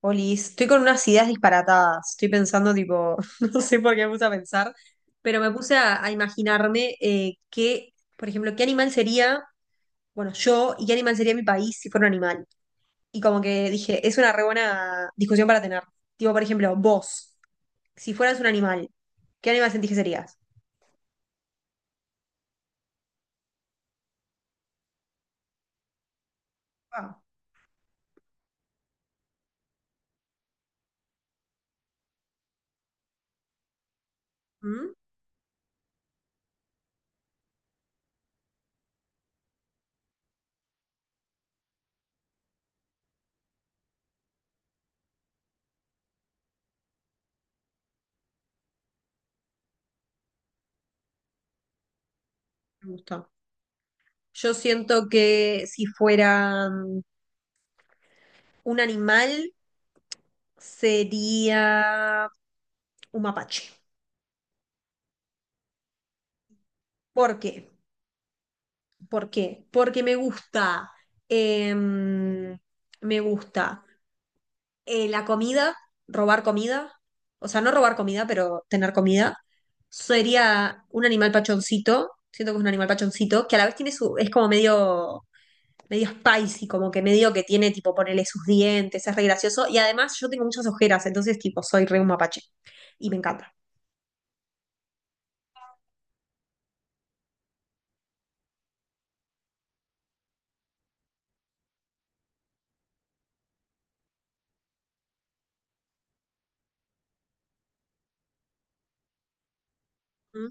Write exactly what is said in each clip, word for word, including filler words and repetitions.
Olis, estoy con unas ideas disparatadas. Estoy pensando, tipo, no sé por qué me puse a pensar, pero me puse a, a imaginarme eh, qué, por ejemplo, qué animal sería, bueno, yo y qué animal sería mi país si fuera un animal. Y como que dije, es una re buena discusión para tener. Tipo, por ejemplo, vos, si fueras un animal, ¿qué animal sentís que serías? Ah, ¿mm? Me gusta. Yo siento que si fuera mm, un animal, sería un mapache. ¿Por qué? ¿Por qué? Porque me gusta, em, me gusta eh, la comida, robar comida, o sea, no robar comida, pero tener comida. Sería un animal pachoncito, siento que es un animal pachoncito, que a la vez tiene su, es como medio, medio spicy, como que medio que tiene, tipo, ponerle sus dientes, es re gracioso. Y además yo tengo muchas ojeras, entonces, tipo, soy re un mapache y me encanta. ¿Mm?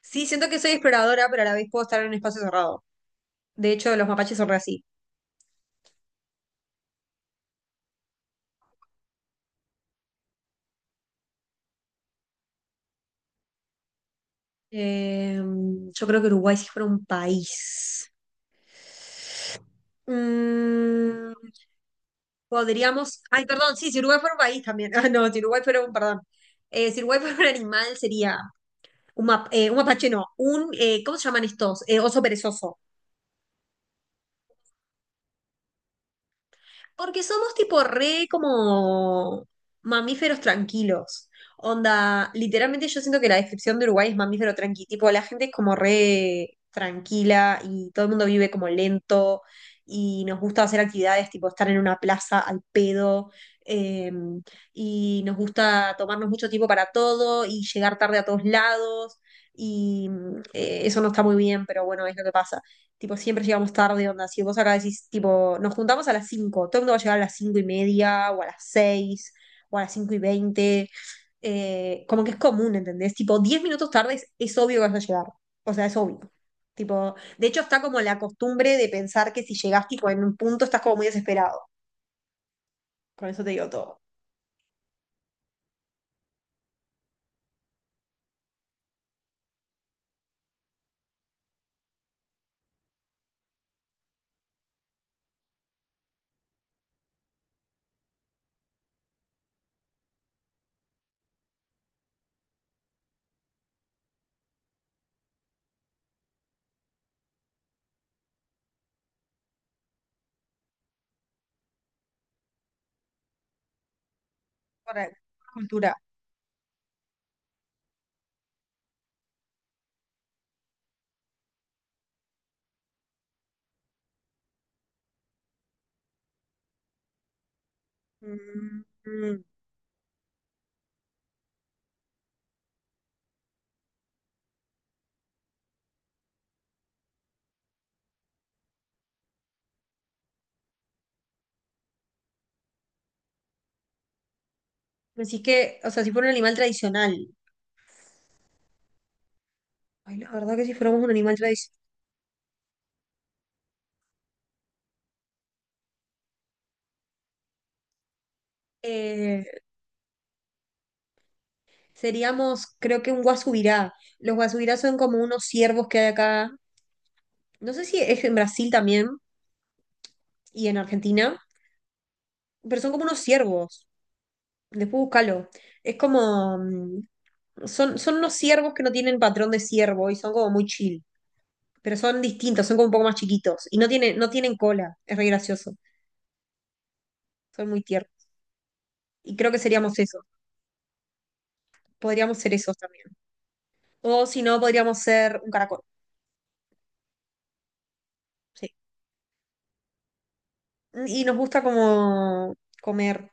Sí, siento que soy exploradora, pero a la vez puedo estar en un espacio cerrado. De hecho, los mapaches son re así. Eh, yo creo que Uruguay si fuera un país. Mm, podríamos. Ay, perdón, sí, si Uruguay fuera un país también. Ah, no, si Uruguay fuera un, perdón. Eh, si Uruguay fuera un animal sería un, map- eh, un mapache, no. Un, eh, ¿cómo se llaman estos? Eh, oso perezoso. Porque somos tipo re como mamíferos tranquilos. Onda, literalmente yo siento que la descripción de Uruguay es mamífero tranqui. Tipo, la gente es como re tranquila y todo el mundo vive como lento y nos gusta hacer actividades tipo estar en una plaza al pedo eh, y nos gusta tomarnos mucho tiempo para todo y llegar tarde a todos lados y eh, eso no está muy bien, pero bueno, es lo que pasa. Tipo, siempre llegamos tarde, onda. Si vos acá decís, tipo, nos juntamos a las cinco, todo el mundo va a llegar a las cinco y media, o a las seis o a las cinco y veinte. Eh, como que es común, ¿entendés? Tipo, diez minutos tarde es, es obvio que vas a llegar. O sea, es obvio. Tipo, de hecho, está como la costumbre de pensar que si llegás, tipo, en un punto estás como muy desesperado. Con eso te digo todo. Por la cultura. Mm, mm. Decís que, o sea, si fuera un animal tradicional. Ay, la verdad que si fuéramos un animal tradicional. eh, Seríamos, creo que un guasubirá. Los guasubirás son como unos ciervos que hay acá. No sé si es en Brasil también y en Argentina, pero son como unos ciervos. Después búscalo. Es como... mm. Son, son unos ciervos que no tienen patrón de ciervo y son como muy chill. Pero son distintos, son como un poco más chiquitos. Y no tienen, no tienen cola. Es re gracioso. Son muy tiernos. Y creo que seríamos eso. Podríamos ser esos también. O si no, podríamos ser un caracol. Sí. Y nos gusta como comer.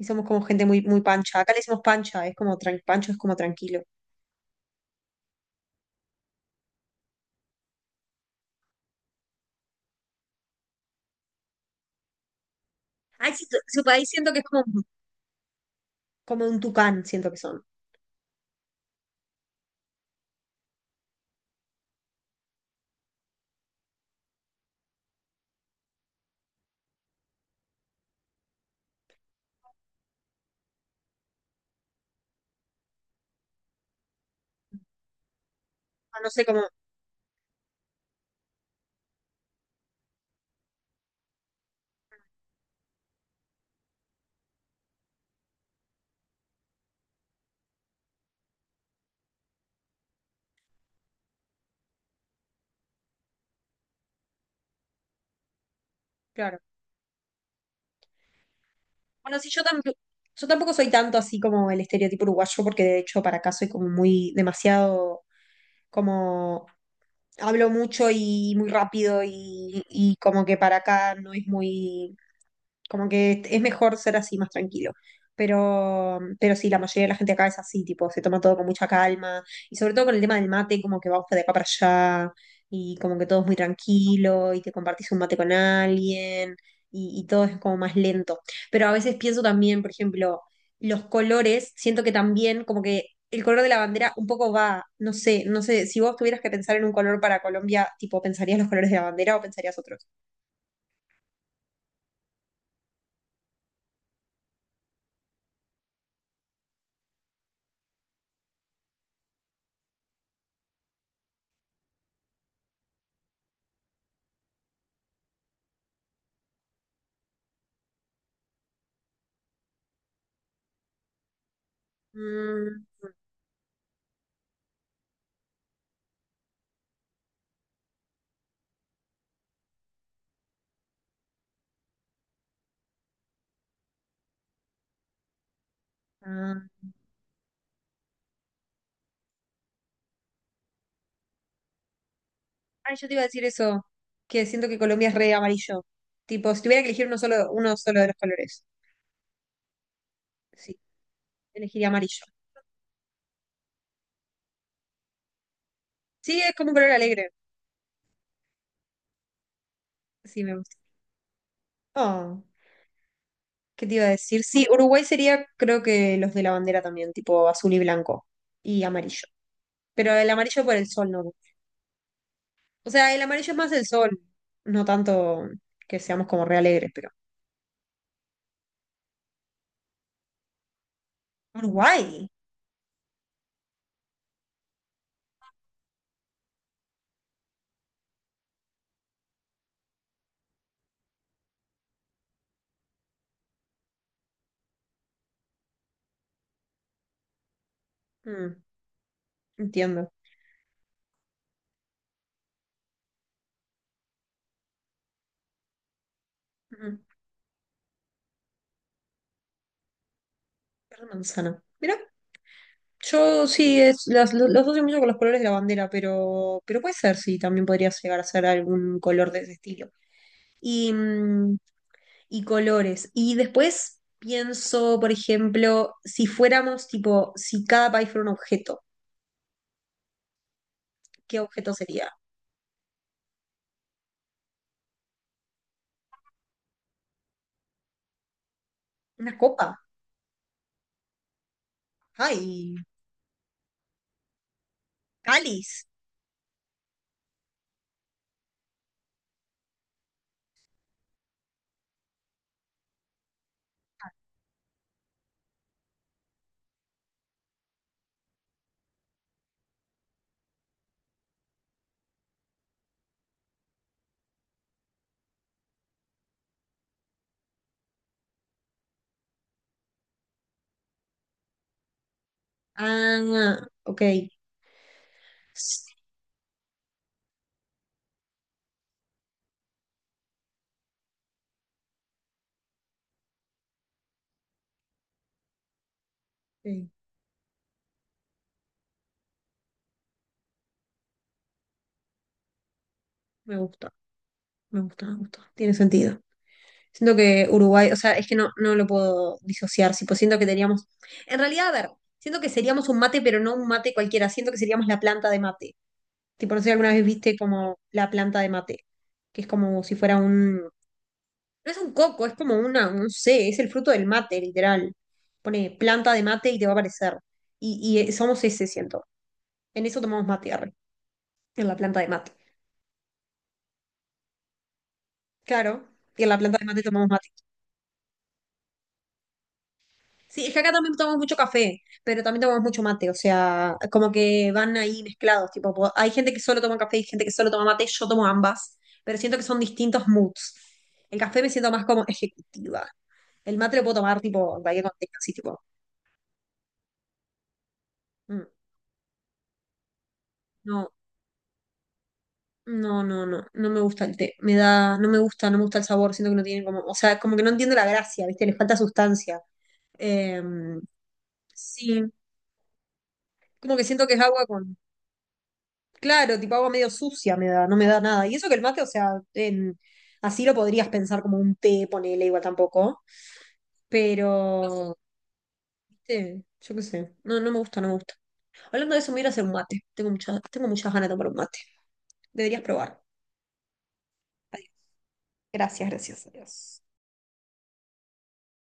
Y somos como gente muy, muy pancha. Acá le decimos pancha, es como tran- pancho es como tranquilo. Ay, sí, su su país siento que es como, como un tucán, siento que son. No sé cómo, claro. Bueno, sí, yo, tamp- yo tampoco soy tanto así como el estereotipo uruguayo, porque de hecho para acá soy como muy demasiado, como hablo mucho y muy rápido y, y como que para acá no es muy, como que es mejor ser así más tranquilo. Pero, pero sí, la mayoría de la gente acá es así, tipo, se toma todo con mucha calma y sobre todo con el tema del mate, como que vamos de acá para allá y como que todo es muy tranquilo y te compartís un mate con alguien y, y todo es como más lento. Pero a veces pienso también, por ejemplo, los colores, siento que también como que el color de la bandera un poco va, no sé, no sé, si vos tuvieras que pensar en un color para Colombia, tipo, ¿pensarías los colores de la bandera o pensarías otros? Mm, ah. Ay, yo te iba a decir eso, que siento que Colombia es re amarillo. Tipo, si tuviera que elegir uno solo, uno solo de los colores, sí, elegiría amarillo. Sí, es como un color alegre. Sí, me gusta. Oh. ¿Qué te iba a decir? Sí, Uruguay sería, creo que los de la bandera también, tipo azul y blanco y amarillo. Pero el amarillo por el sol, no. O sea, el amarillo es más el sol, no tanto que seamos como re alegres, pero. Uruguay. Mm, entiendo. Mm, verde manzana. Mira, yo sí, es, las- lo- los, asocio mucho con los colores de la bandera, pero, pero puede ser, sí, también podría llegar a ser algún color de ese estilo. Y, mm, y colores. Y después pienso, por ejemplo, si fuéramos tipo, si cada país fuera un objeto, ¿qué objeto sería? ¿Una copa? ¡Ay! ¡Cáliz! Ah, ok. Sí, me gusta, me gusta, me gusta. Tiene sentido. Siento que Uruguay, o sea, es que no, no lo puedo disociar, tipo, siento que teníamos. En realidad, a ver, siento que seríamos un mate, pero no un mate cualquiera, siento que seríamos la planta de mate. Tipo, no sé si alguna vez viste como la planta de mate, que es como si fuera un, no es un coco, es como una, no sé, es el fruto del mate, literal. Pone planta de mate y te va a aparecer. Y, y, eh, somos ese, siento. En eso tomamos mate, arre, en la planta de mate. Claro, y en la planta de mate tomamos mate. Sí, es que acá también tomamos mucho café, pero también tomamos mucho mate, o sea, como que van ahí mezclados, tipo, po- hay gente que solo toma café y gente que solo toma mate, yo tomo ambas, pero siento que son distintos moods. El café me siento más como ejecutiva. El mate lo puedo tomar, tipo, en cualquier contexto, así, tipo, mm, no. No, no, no, no me gusta el té. Me da, no me gusta, no me gusta el sabor, siento que no tiene como, o sea, como que no entiendo la gracia, ¿viste? Le falta sustancia. Eh, sí, como que siento que es agua con, claro, tipo agua medio sucia me da, no me da nada. Y eso que el mate, o sea, en- así lo podrías pensar como un té, ponele igual tampoco, pero, ¿viste? Yo qué sé, no, no me gusta, no me gusta. Hablando de eso, me voy a ir a hacer un mate. Tengo muchas, tengo muchas ganas de tomar un mate. Deberías probar. Adiós. Gracias, gracias, adiós.